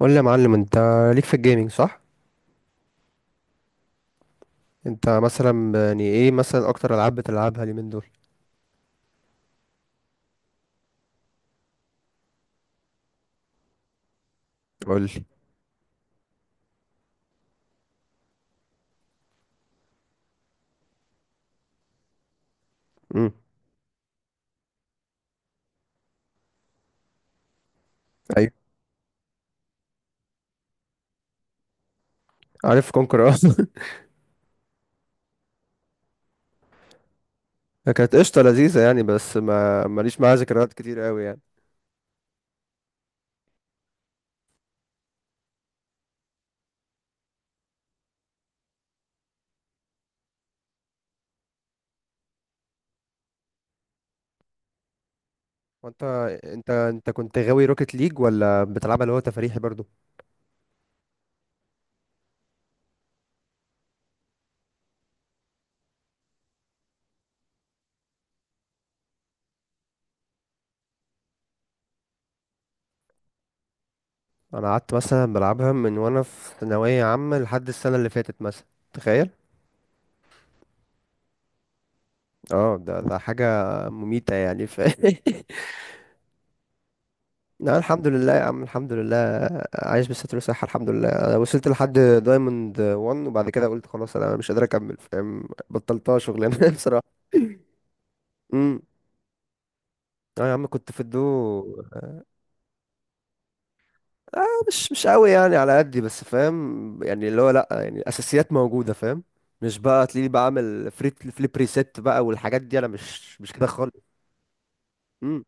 قول لي يا معلم، انت ليك في الجيمنج صح؟ انت مثلا يعني ايه مثلا اكتر العاب بتلعبها اليومين دول؟ قول لي. امم. ايوه. عارف كونكر اه. كانت قشطه لذيذه يعني، بس ما ماليش معاها ذكريات كتير قوي يعني. وانت انت كنت غاوي روكيت ليج، ولا بتلعبها اللي هو تفريحي برضو؟ انا قعدت مثلا بلعبها من وانا في ثانويه عامه لحد السنه اللي فاتت مثلا، تخيل. اه، ده حاجه مميته يعني ف لا الحمد لله يا عم، الحمد لله. عايش بالستر وصحة الحمد لله. أنا وصلت لحد دايموند 1، وبعد كده قلت خلاص انا مش قادر اكمل فاهم، بطلتها شغلانه بصراحه. امم. اه يا عم، كنت في الدو. آه، مش قوي يعني، على قدي بس فاهم يعني، اللي هو لا يعني الاساسيات موجوده فاهم. مش بقى تلاقيني بعمل فريت فليب ريسيت بقى والحاجات دي، انا مش كده خالص. امم.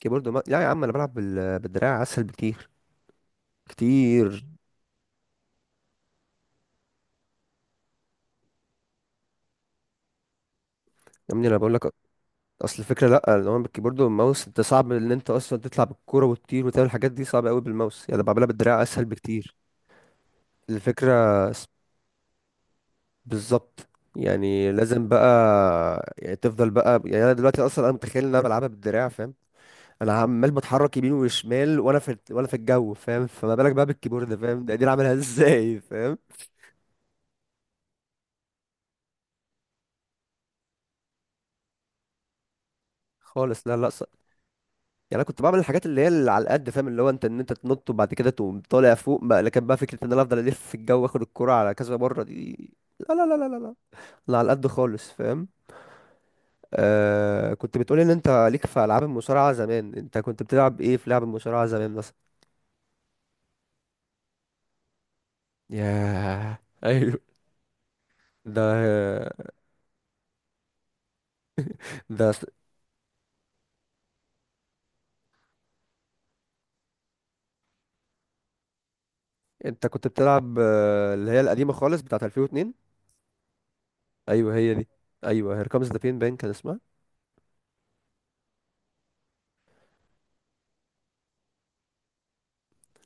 كيبورد ما... لا يا عم، انا بلعب بالدراع، اسهل بكتير كتير. يا ابني انا بقول لك، اصل الفكره لا اللي هو بالكيبورد والماوس، انت صعب ان انت اصلا تطلع بالكوره وتطير وتعمل الحاجات دي، صعبه قوي بالماوس يعني، بعملها بالدراع اسهل بكتير. الفكره س- بالظبط. يعني لازم بقى يعني تفضل بقى يعني، انا دلوقتي اصلا انا متخيل ان انا بلعبها بالدراع فاهم. انا عمال بتحرك يمين وشمال وانا في الجو فاهم، فما بالك بقى بالكيبورد فاهم؟ ده قاعدين اعملها ازاي فاهم؟ خالص لا لا. يعني انا كنت بعمل الحاجات اللي هي اللي على القد فاهم، اللي هو انت ان انت تنط وبعد كده تقوم طالع فوق بقى، لكن بقى فكره ان انا افضل الف في الجو واخد الكرة على كذا مره دي، لا لا لا لا لا لا. أنا على القد خالص فاهم. آه، كنت بتقولي ان انت ليك في العاب المصارعه زمان، انت كنت بتلعب ايه في لعب المصارعه زمان مثلا؟ ياه ايوه. ده ده س- انت كنت بتلعب اللي هي القديمه خالص بتاعه 2002؟ ايوه هي دي. ايوه، هير كامز ذا بين بان كان اسمها.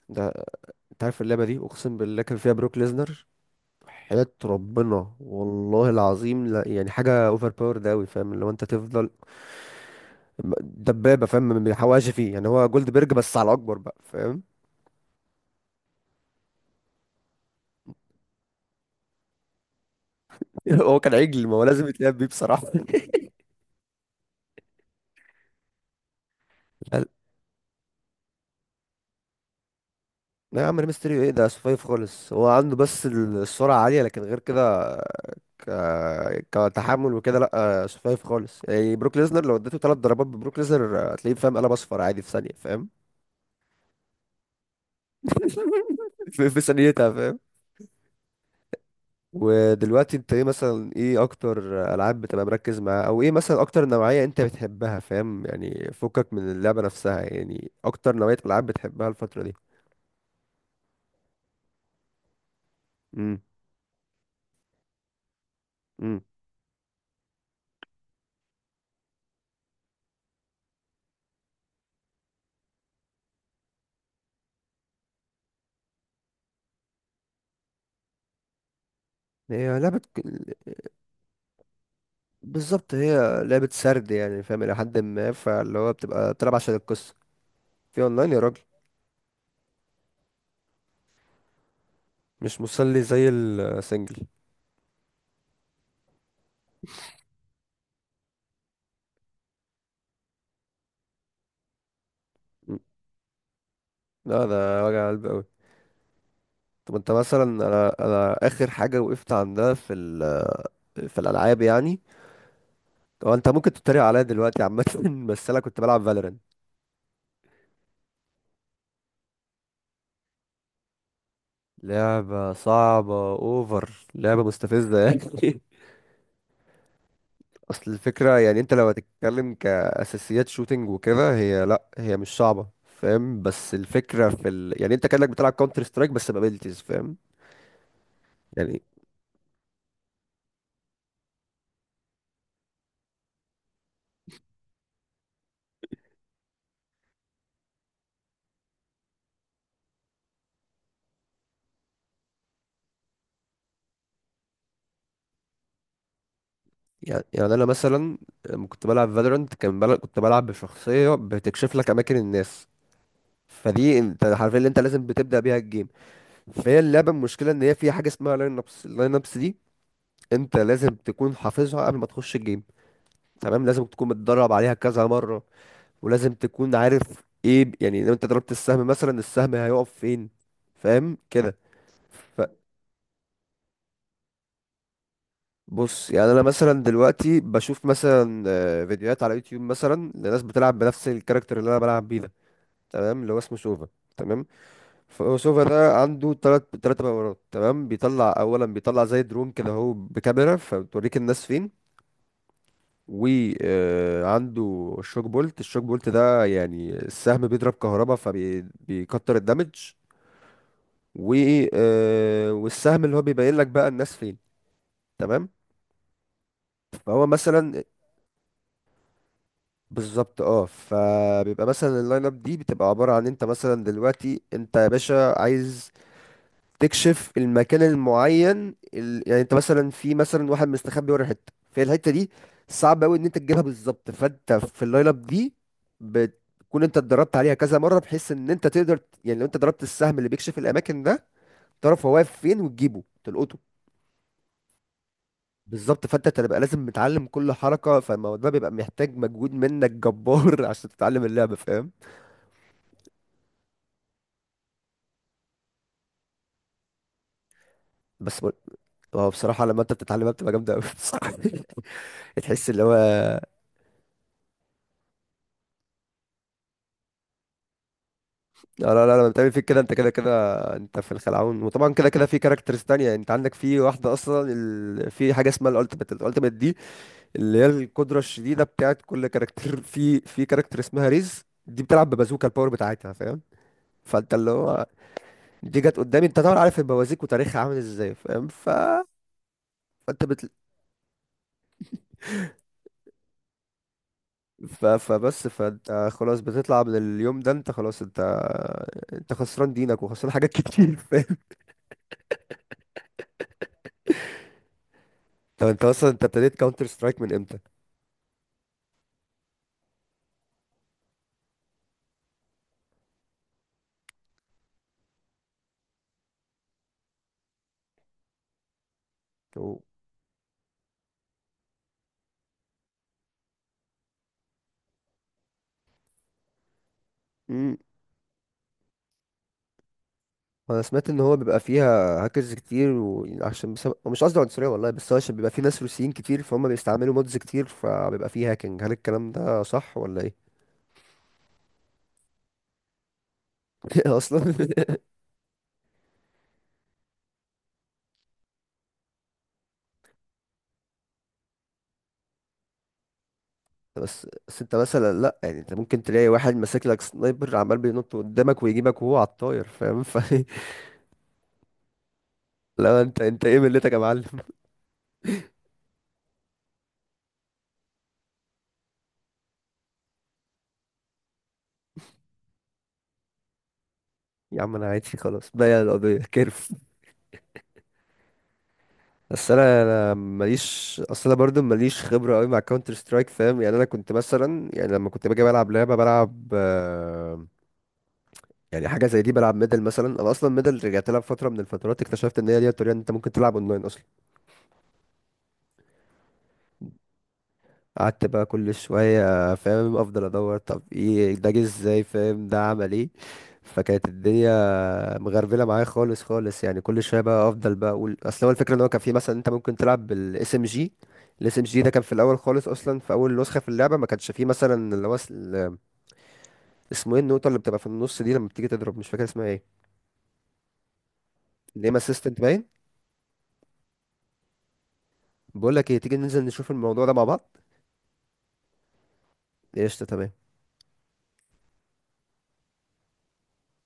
ده انت عارف اللعبه دي اقسم بالله كان فيها بروك ليزنر، حياة ربنا والله العظيم، لا يعني حاجة اوفر باور ده قوي فاهم، اللي هو انت تفضل دبابة فاهم، ما بيحوقش فيه، يعني هو جولد بيرج بس على اكبر بقى فاهم. هو كان عجل، ما هو لازم يتلعب بيه بصراحة. لا لا يا عم، ميستريو ايه ده؟ سفايف خالص، هو عنده بس السرعة عالية، لكن غير كده ك... كتحمل وكده لا سفايف خالص. يعني بروك ليزنر لو اديته 3 ضربات ببروك ليزنر هتلاقيه فاهم قلب اصفر عادي في ثانية فاهم. في في ثانيتها فاهم. ودلوقتي انت ايه مثلا، ايه اكتر العاب بتبقى مركز معاها، او ايه مثلا اكتر نوعية انت بتحبها فاهم، يعني فكك من اللعبة نفسها، يعني اكتر نوعية العاب بتحبها الفترة دي؟ امم. امم. هي لعبة ك- بالظبط، هي لعبة سرد يعني فاهم الى حد ما، فاللي هو بتبقى تلعب عشان القصة. في اونلاين يا راجل. مش مسلي زي السنجل. مم. لا ده وجع قلب قوي. طب انت مثلا، انا انا اخر حاجة وقفت عندها في الالعاب يعني، هو انت ممكن تتريق عليا دلوقتي عامة بس انا كنت بلعب فالورنت. لعبة صعبة اوفر، لعبة مستفزة يعني اصل الفكرة يعني، انت لو هتتكلم كأساسيات شوتينج وكده، هي لا هي مش صعبة فاهم، بس الفكرة يعني انت كأنك بتلعب كاونتر سترايك بس بابيلتيز فاهم. يعني يعني يعني انا مثلا لما كنت بلعب فالورنت، كان كنت بلعب بشخصية بتكشف لك اماكن الناس، فدي انت عارفين اللي انت لازم بتبدأ بيها الجيم. فهي اللعبة المشكلة ان هي فيها حاجة اسمها لاين ابس، اللاين ابس دي انت لازم تكون حافظها قبل ما تخش الجيم، تمام؟ لازم تكون متدرب عليها كذا مرة، ولازم تكون عارف ايه يعني لو انت ضربت السهم مثلا، السهم هيقف فين فاهم كده. فبص يعني انا مثلا دلوقتي بشوف مثلا فيديوهات على يوتيوب مثلا لناس بتلعب بنفس الكاركتر اللي انا بلعب بيه ده، تمام؟ اللي هو اسمه سوفا، تمام. فسوفا ده عنده تلات باورات، تمام؟ بيطلع اولا، بيطلع زي درون كده اهو بكاميرا، فبتوريك الناس فين. وعنده الشوك بولت، الشوك بولت ده يعني السهم بيضرب كهربا فبيكتر الدمج. و والسهم اللي هو بيبين لك بقى الناس فين، تمام. فهو مثلا بالظبط اه، فبيبقى مثلا اللاين اب دي بتبقى عباره عن انت مثلا دلوقتي، انت يا باشا عايز تكشف المكان المعين يعني انت مثلا في مثلا واحد مستخبي ورا حته في الحته دي، صعب قوي ان انت تجيبها بالظبط، فانت في اللايل اب دي بتكون انت اتدربت عليها كذا مره بحيث ان انت تقدر، يعني لو انت ضربت السهم اللي بيكشف الاماكن ده، تعرف هو واقف فين وتجيبه تلقطه. بالظبط. فانت تبقى لازم متعلم كل حركه، فالموضوع ده بيبقى محتاج مجهود منك جبار عشان تتعلم اللعبه فاهم. بس بقول- هو بصراحه لما انت بتتعلمها بتبقى جامده قوي بصراحه، تحس اللي هو. لا لا لا، لما بتعمل فيك كده انت كده كده انت في الخلعون. وطبعا كده كده في كاركترز تانية، يعني انت عندك في واحدة اصلا في حاجة اسمها الالتيميت، الالتيميت دي اللي هي القدرة الشديدة بتاعت كل كاركتر. في كاركتر اسمها ريز دي بتلعب ببازوكا الباور بتاعتها فاهم. فانت اللي هو دي جت قدامي، انت طبعا عارف البوازيك وتاريخها عامل ازاي فاهم. ف فانت بت... ف... فبس فانت خلاص بتطلع من اليوم ده، انت خلاص انت، انت خسران دينك وخسران حاجات كتير فاهم. طب انت اصلا انت ابتديت كاونتر سترايك من امتى؟ مم. انا سمعت ان هو بيبقى فيها هاكرز كتير، وعشان بسبب، مش قصدي عنصريه والله، بس هو عشان بيبقى فيه ناس روسيين كتير فهم بيستعملوا مودز كتير فبيبقى فيه هاكينج، هل الكلام ده صح ولا ايه؟ اصلا بس انت مثلا لا يعني، انت ممكن تلاقي واحد ماسك لك سنايبر عمال بينط قدامك ويجيبك وهو على الطاير فاهم ف لو انت ايه ملتك يا معلم؟ يا عم انا عادي خلاص بقى، القضيه كيرف. بس انا ماليش، اصل انا برضو ماليش خبره قوي مع كاونتر سترايك فاهم. يعني انا كنت مثلا يعني لما كنت باجي بلعب لعبه، بلعب يعني حاجه زي دي، بلعب ميدل مثلا. انا اصلا ميدل رجعت لها فتره من الفترات، اكتشفت ان هي دي الطريقه ان انت ممكن تلعب اونلاين اصلا. قعدت بقى كل شوية فاهم افضل ادور، طب ايه ده، جه ازاي فاهم، ده عمل ايه؟ فكانت الدنيا مغربلة معايا خالص خالص، يعني كل شوية بقى افضل بقى اقول، اصل هو الفكرة ان هو كان في مثلا، انت ممكن تلعب بالاس ام جي. الاس ام جي ده كان في الاول خالص، اصلا في اول نسخة في اللعبة ما كانش فيه مثلا اللي هو اسمه ايه النقطة اللي بتبقى في النص دي لما بتيجي تضرب، مش فاكر اسمها ايه. نيم اسيستنت باين. بقول لك ايه، تيجي ننزل نشوف الموضوع ده مع بعض؟ قشطة تمام.